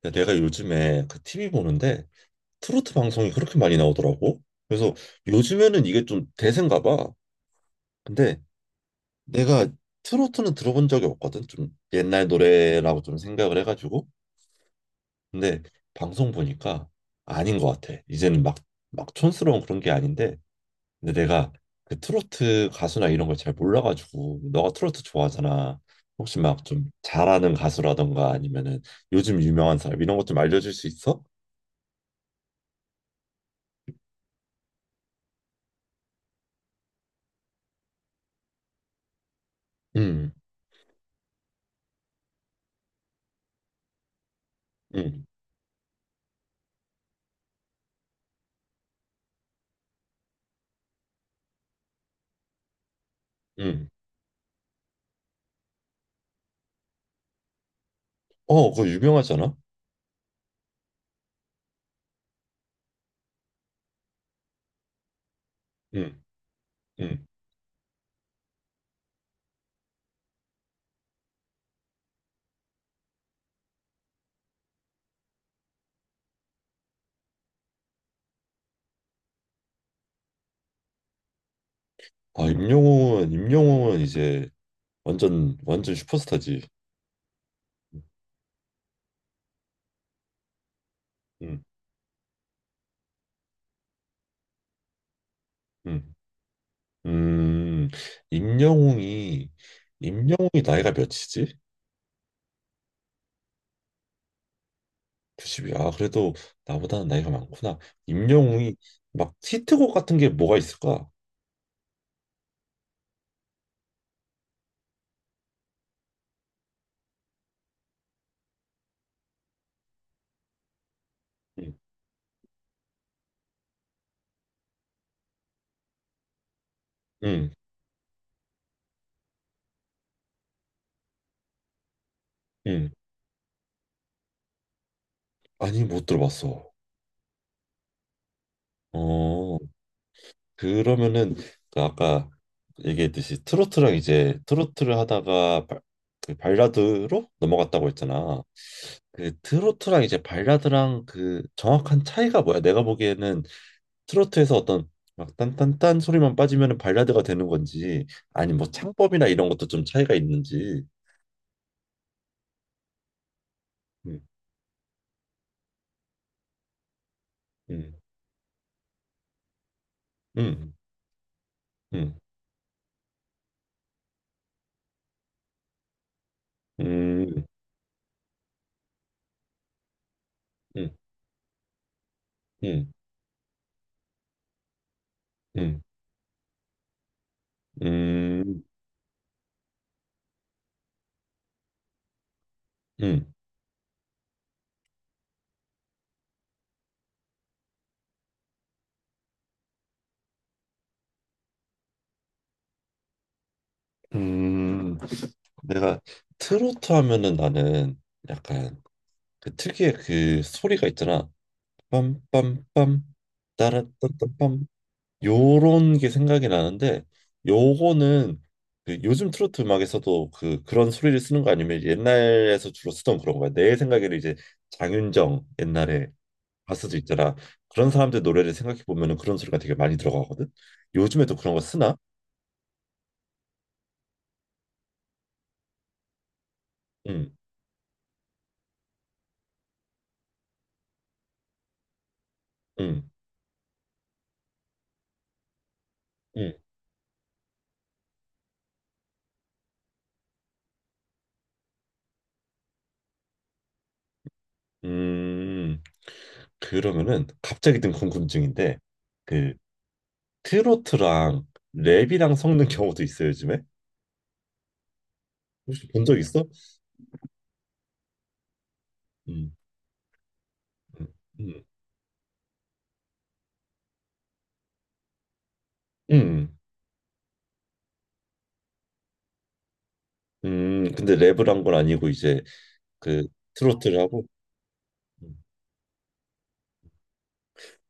근데 내가 요즘에 그 TV 보는데 트로트 방송이 그렇게 많이 나오더라고. 그래서 요즘에는 이게 좀 대세인가 봐. 근데 내가 트로트는 들어본 적이 없거든. 좀 옛날 노래라고 좀 생각을 해가지고. 근데 방송 보니까 아닌 것 같아. 이제는 막, 막 촌스러운 그런 게 아닌데. 근데 내가 그 트로트 가수나 이런 걸 잘 몰라가지고. 너가 트로트 좋아하잖아. 혹시 막 좀 잘하는 가수라던가 아니면은 요즘 유명한 사람 이런 것 좀 알려줄 수 있어? 응, 응. 음. 어, 그거 유명하잖아. 음. 음. 아, 임영웅은 이제 완전 완전 슈퍼스타지. 음. 음. 음. 임영웅이 임영웅이 나이가 몇이지? 9이 아, 그래도 나보다는 나이가 많구나. 임영웅이 막 히트곡 같은 게 뭐가 있을까? 음. 음. 음. 아니, 못 들어봤어. 어. 그러면은 그 아까 얘기했듯이 트로트랑 이제 트로트를 하다가 그 발라드로 넘어갔다고 했잖아. 그 트로트랑 이제 발라드랑 그 정확한 차이가 뭐야? 내가 보기에는 트로트에서 어떤 막 딴딴딴 소리만 빠지면은 발라드가 되는 건지 아니 뭐 창법이나 이런 것도 좀 차이가 있는지. 음, 음, 음, 음, 음, 음, 음, 음, 음, 음, 음. 내가 트로트 하면은 나는 약간 그 특유의 그 소리가 있잖아. 빰빰빰 따라따따빰 요런 게 생각이 나는데, 요거는 그 요즘 트로트 음악에서도 그 그런 소리를 쓰는 거 아니면 옛날에서 주로 쓰던 그런 거야. 내 생각에는 이제 장윤정 옛날에 가수도 있잖아. 그런 사람들 노래를 생각해 보면은 그런 소리가 되게 많이 들어가거든. 요즘에도 그런 거 쓰나? 응, 응, 응. 음, 그러면은 갑자기 든 궁금증인데 그 트로트랑 랩이랑 섞는 경우도 있어요, 요즘에? 혹시 본 적 있어? 음, 음, 음, 음, 근데 랩을 한 건 아니고 이제 그 트로트를 하고. 음,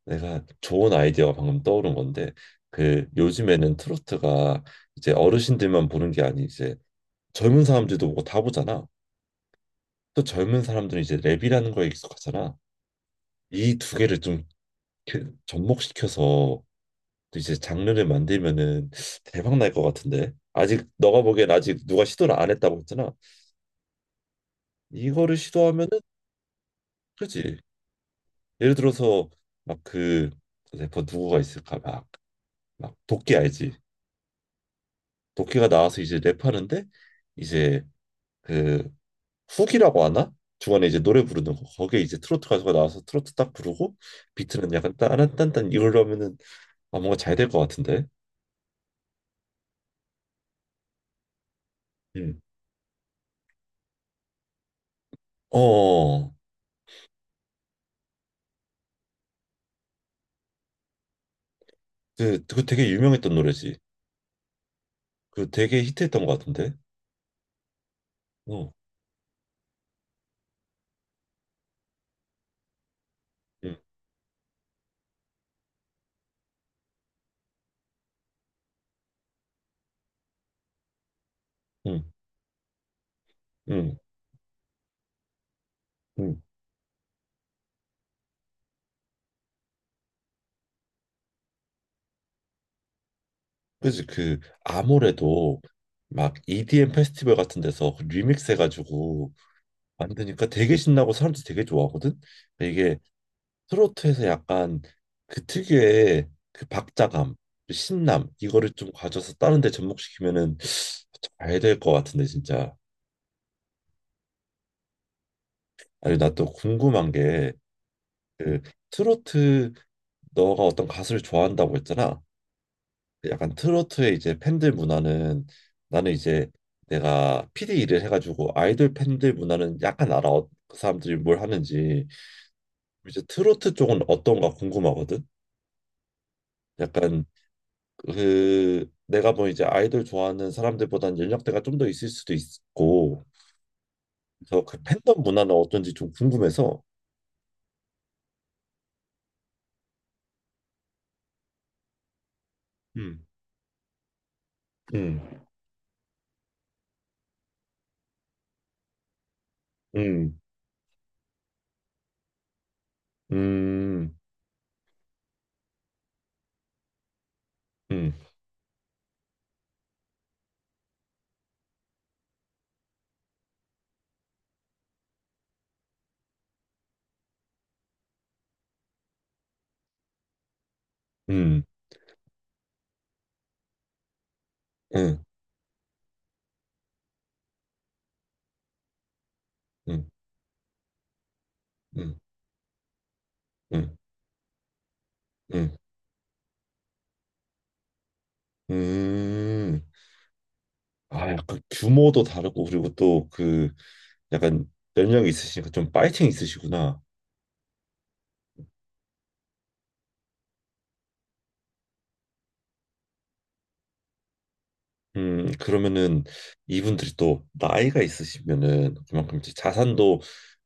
내가 좋은 아이디어가 방금 떠오른 건데 그 요즘에는 트로트가 이제 어르신들만 보는 게 아니 이제 젊은 사람들도 보고 다 보잖아. 또 젊은 사람들은 이제 랩이라는 거에 익숙하잖아. 이 두 개를 좀 접목시켜서 또 이제 장르를 만들면은 대박 날 것 같은데, 아직 너가 보기엔 아직 누가 시도를 안 했다고 했잖아. 이거를 시도하면은, 그지? 예를 들어서 막 그 래퍼 누구가 있을까, 막 막 도끼 알지? 도끼가 나와서 이제 랩하는데, 이제 그 훅이라고 하나, 중간에 이제 노래 부르는 거 거기에 이제 트로트 가수가 나와서 트로트 딱 부르고, 비트는 약간 따란딴딴 이걸로 하면은, 아 뭔가 잘 될 것 같은데. 음. 어 어. 그 되게 유명했던 노래지. 그 되게 히트했던 것 같은데. 어, 응, 응, 응, 응. 그지. 그 아무래도 막 EDM 페스티벌 같은 데서 그 리믹스 해가지고 만드니까 되게 신나고 사람들이 되게 좋아하거든. 근데 이게 트로트에서 약간 그 특유의 그 박자감, 그 신남 이거를 좀 가져서 다른 데 접목시키면은 잘 될 것 같은데 진짜. 아니 나 또 궁금한 게 그 트로트 너가 어떤 가수를 좋아한다고 했잖아. 그 약간 트로트의 이제 팬들 문화는, 나는 이제 내가 PD 일을 해가지고 아이돌 팬들 문화는 약간 알아. 그 사람들이 뭘 하는지 이제 트로트 쪽은 어떤가 궁금하거든. 약간 그 내가 뭐 이제 아이돌 좋아하는 사람들보다는 연령대가 좀 더 있을 수도 있고, 그래서 그 팬덤 문화는 어떤지 좀 궁금해서. 음. 음, 음, 음, 음, 음, 음, 음, 음, 음, 음, 음. 아, 약간 규모도 다르고 그리고 또 그 약간 연령이 있으시니까 좀 파이팅 있으시구나. 그러면은 이분들이 또 나이가 있으시면은 그만큼 이제 자산도,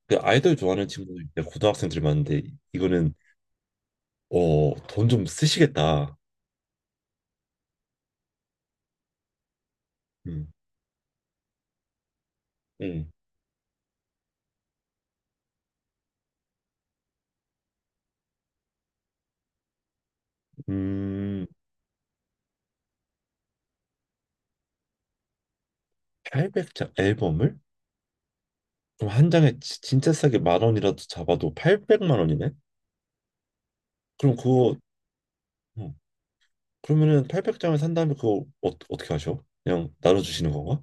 그 아이돌 좋아하는 친구들 이제 고등학생들이 많은데, 이거는 어, 돈 좀 쓰시겠다. 음, 음, 음, 800장 앨범을? 그럼 한 장에 진짜 싸게 만 원이라도 잡아도 800만 원이네? 그럼 그거 어, 그러면은 800장을 산 다음에 그거 어, 어떻게 하셔? 그냥 나눠주시는 건가?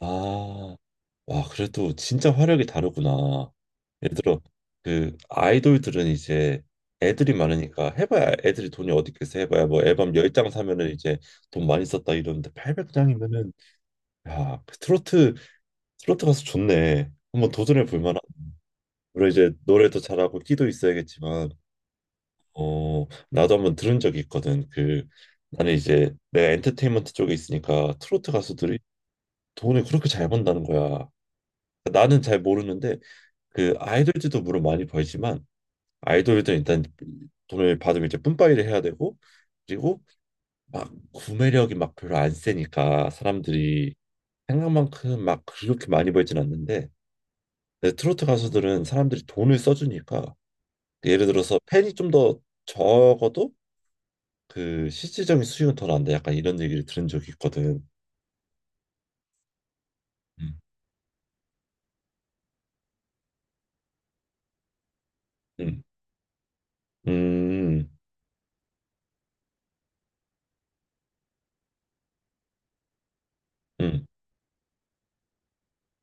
아, 와, 그래도 진짜 화력이 다르구나. 예를 들어, 그 아이돌들은 이제 애들이 많으니까 해봐야 애들이 돈이 어디 있겠어, 해봐야 뭐 앨범 10장 사면은 이제 돈 많이 썼다 이러는데 800장이면은, 야, 그 트로트 가수 좋네. 한번 도전해 볼 만한. 물론 이제 노래도 잘하고 끼도 있어야겠지만 어, 나도 한번 들은 적이 있거든. 그 나는 이제 내가 엔터테인먼트 쪽에 있으니까 트로트 가수들이 돈을 그렇게 잘 번다는 거야. 그러니까 나는 잘 모르는데 그 아이돌들도 물론 많이 벌지만, 아이돌들은 일단 돈을 받으면 이제 뿜빠이를 해야 되고, 그리고 막 구매력이 막 별로 안 세니까 사람들이 생각만큼 막 그렇게 많이 벌진 않는데, 근데 트로트 가수들은 사람들이 돈을 써주니까, 예를 들어서 팬이 좀 더 적어도 그 실질적인 수익은 더 난다 약간 이런 얘기를 들은 적이 있거든. 음, 음, 음, 음.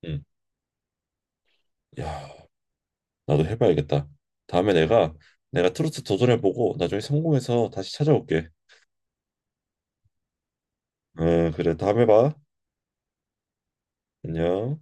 음. 야. 나도 해봐야겠다. 다음에 내가 트로트 도전해보고 나중에 성공해서 다시 찾아올게. 응, 그래. 다음에 봐. 안녕.